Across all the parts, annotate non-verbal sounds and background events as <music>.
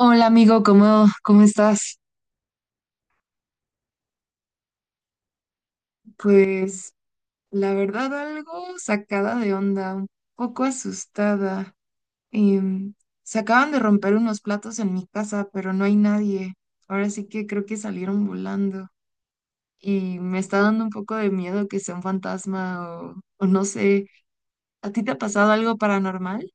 Hola amigo, ¿cómo estás? Pues la verdad algo sacada de onda, un poco asustada. Em, Se acaban de romper unos platos en mi casa, pero no hay nadie. Ahora sí que creo que salieron volando y me está dando un poco de miedo que sea un fantasma o no sé. ¿A ti te ha pasado algo paranormal?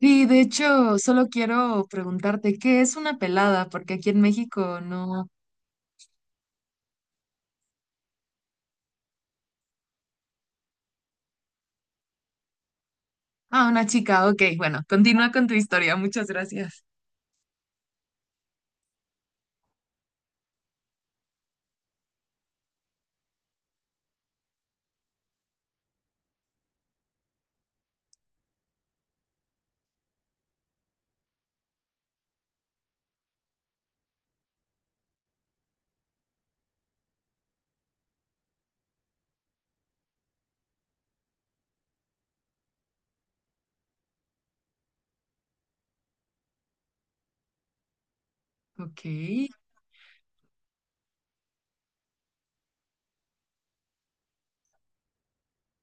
Sí, de hecho, solo quiero preguntarte, ¿qué es una pelada? Porque aquí en México no... Ah, una chica, ok, bueno, continúa con tu historia, muchas gracias. Ok.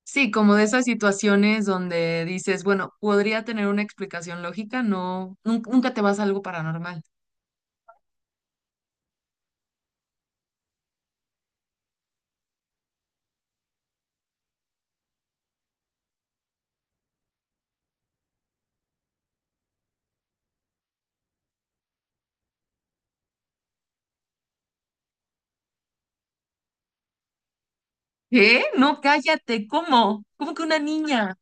Sí, como de esas situaciones donde dices, bueno, podría tener una explicación lógica, no, nunca te vas a algo paranormal. ¿Qué? No, cállate, ¿cómo? ¿Cómo que una niña?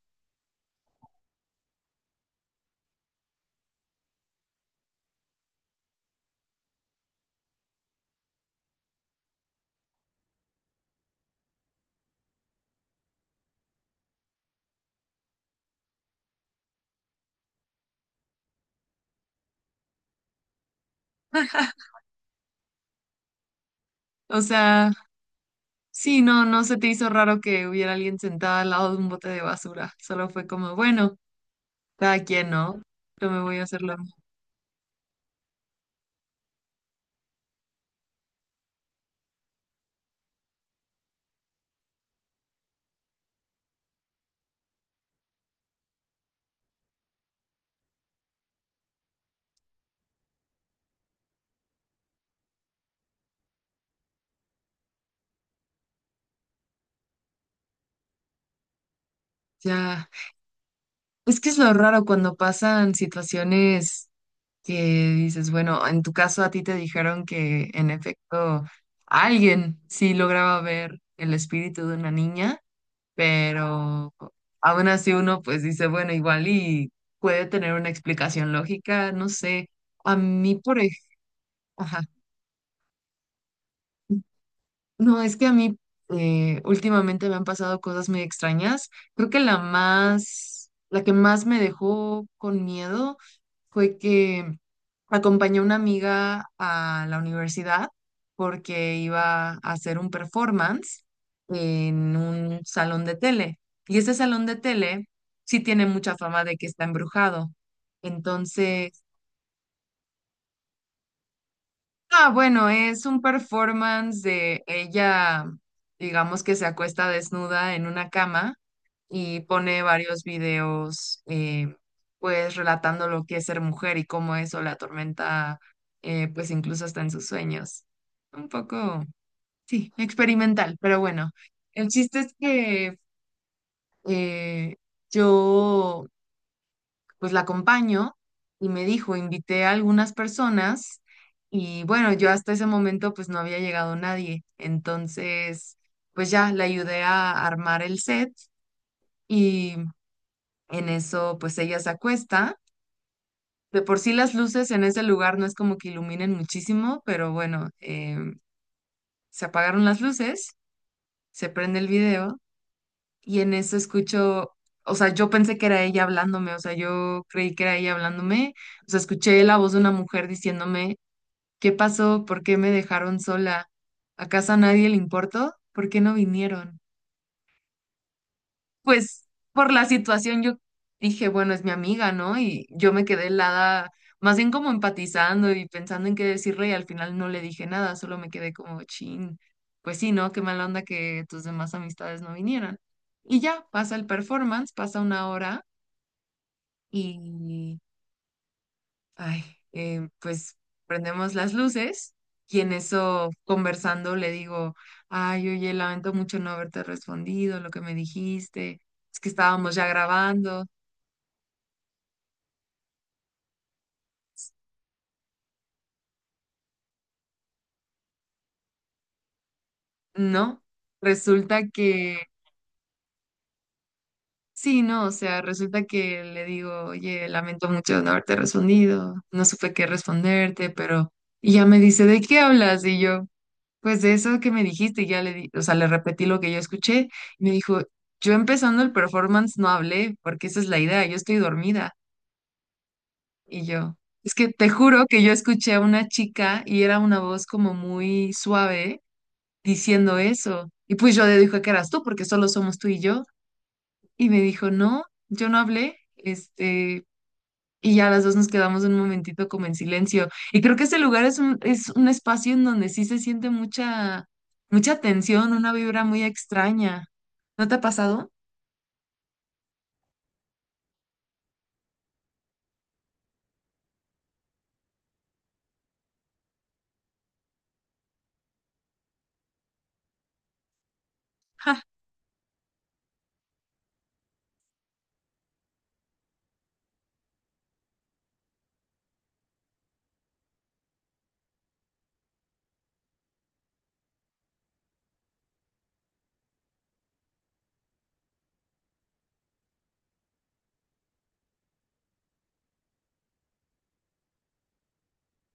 O sea, sí, no, no se te hizo raro que hubiera alguien sentada al lado de un bote de basura. Solo fue como, bueno, cada quien, ¿no? Yo me voy a hacerlo. Ya. Es que es lo raro cuando pasan situaciones, que dices, bueno, en tu caso a ti te dijeron que en efecto alguien sí lograba ver el espíritu de una niña, pero aún así uno pues dice, bueno, igual y puede tener una explicación lógica, no sé. A mí, por ejemplo, no, es que a mí últimamente me han pasado cosas muy extrañas. Creo que la más, la que más me dejó con miedo fue que acompañé a una amiga a la universidad porque iba a hacer un performance en un salón de tele. Y ese salón de tele sí tiene mucha fama de que está embrujado. Entonces, ah, bueno, es un performance de ella, digamos que se acuesta desnuda en una cama y pone varios videos, pues relatando lo que es ser mujer y cómo eso la atormenta, pues incluso hasta en sus sueños. Un poco, sí, experimental, pero bueno. El chiste es que eh, yo pues la acompaño y me dijo, invité a algunas personas y bueno, yo hasta ese momento pues no había llegado nadie. Entonces, pues ya la ayudé a armar el set y en eso pues ella se acuesta. De por sí las luces en ese lugar no es como que iluminen muchísimo, pero bueno, se apagaron las luces, se prende el video y en eso escucho, o sea, yo pensé que era ella hablándome, o sea, yo creí que era ella hablándome, o sea, escuché la voz de una mujer diciéndome: ¿qué pasó? ¿Por qué me dejaron sola? ¿Acaso a nadie le importó? ¿Por qué no vinieron? Pues por la situación yo dije, bueno, es mi amiga, ¿no? Y yo me quedé helada, más bien como empatizando y pensando en qué decirle y al final no le dije nada, solo me quedé como chin. Pues sí, ¿no? Qué mala onda que tus demás amistades no vinieran. Y ya, pasa el performance, pasa una hora y ay, pues prendemos las luces y en eso conversando le digo, ay, oye, lamento mucho no haberte respondido lo que me dijiste, es que estábamos ya grabando, ¿no? Resulta que, sí, no, o sea, resulta que le digo, oye, lamento mucho no haberte respondido, no supe qué responderte, pero, y ya me dice, ¿de qué hablas? Y yo... pues de eso que me dijiste, ya le di, o sea, le repetí lo que yo escuché y me dijo, yo empezando el performance no hablé porque esa es la idea, yo estoy dormida. Y yo, es que te juro que yo escuché a una chica y era una voz como muy suave diciendo eso. Y pues yo le dije que eras tú porque solo somos tú y yo. Y me dijo, no, yo no hablé, este, y ya las dos nos quedamos un momentito como en silencio. Y creo que ese lugar es un espacio en donde sí se siente mucha tensión, una vibra muy extraña. ¿No te ha pasado?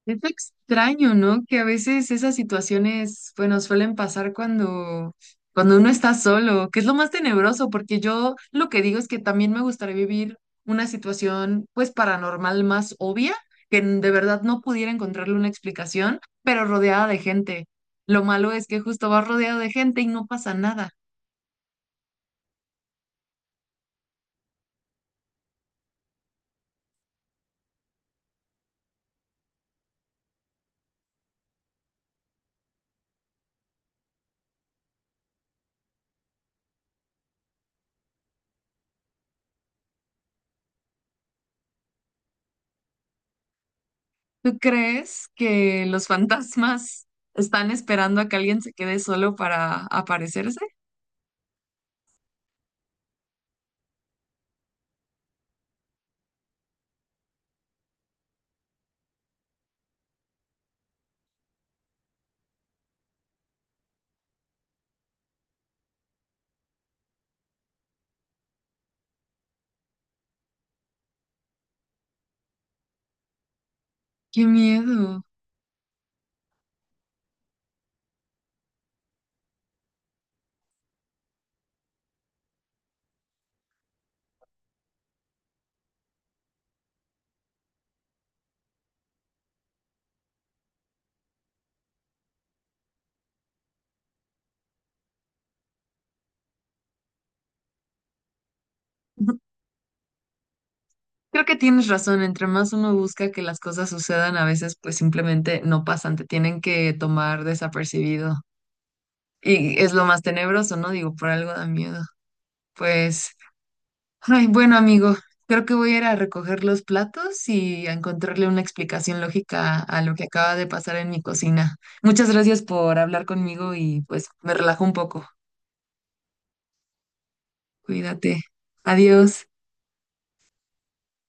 Es extraño, ¿no? Que a veces esas situaciones, bueno, suelen pasar cuando, cuando uno está solo, que es lo más tenebroso, porque yo lo que digo es que también me gustaría vivir una situación, pues, paranormal más obvia, que de verdad no pudiera encontrarle una explicación, pero rodeada de gente. Lo malo es que justo vas rodeado de gente y no pasa nada. ¿Tú crees que los <laughs> fantasmas están esperando a que alguien se quede solo para aparecerse? ¡Qué miedo! Creo que tienes razón, entre más uno busca que las cosas sucedan, a veces pues simplemente no pasan, te tienen que tomar desapercibido. Y es lo más tenebroso, ¿no? Digo, por algo da miedo. Pues, ay, bueno, amigo, creo que voy a ir a recoger los platos y a encontrarle una explicación lógica a lo que acaba de pasar en mi cocina. Muchas gracias por hablar conmigo y pues me relajo un poco. Cuídate. Adiós.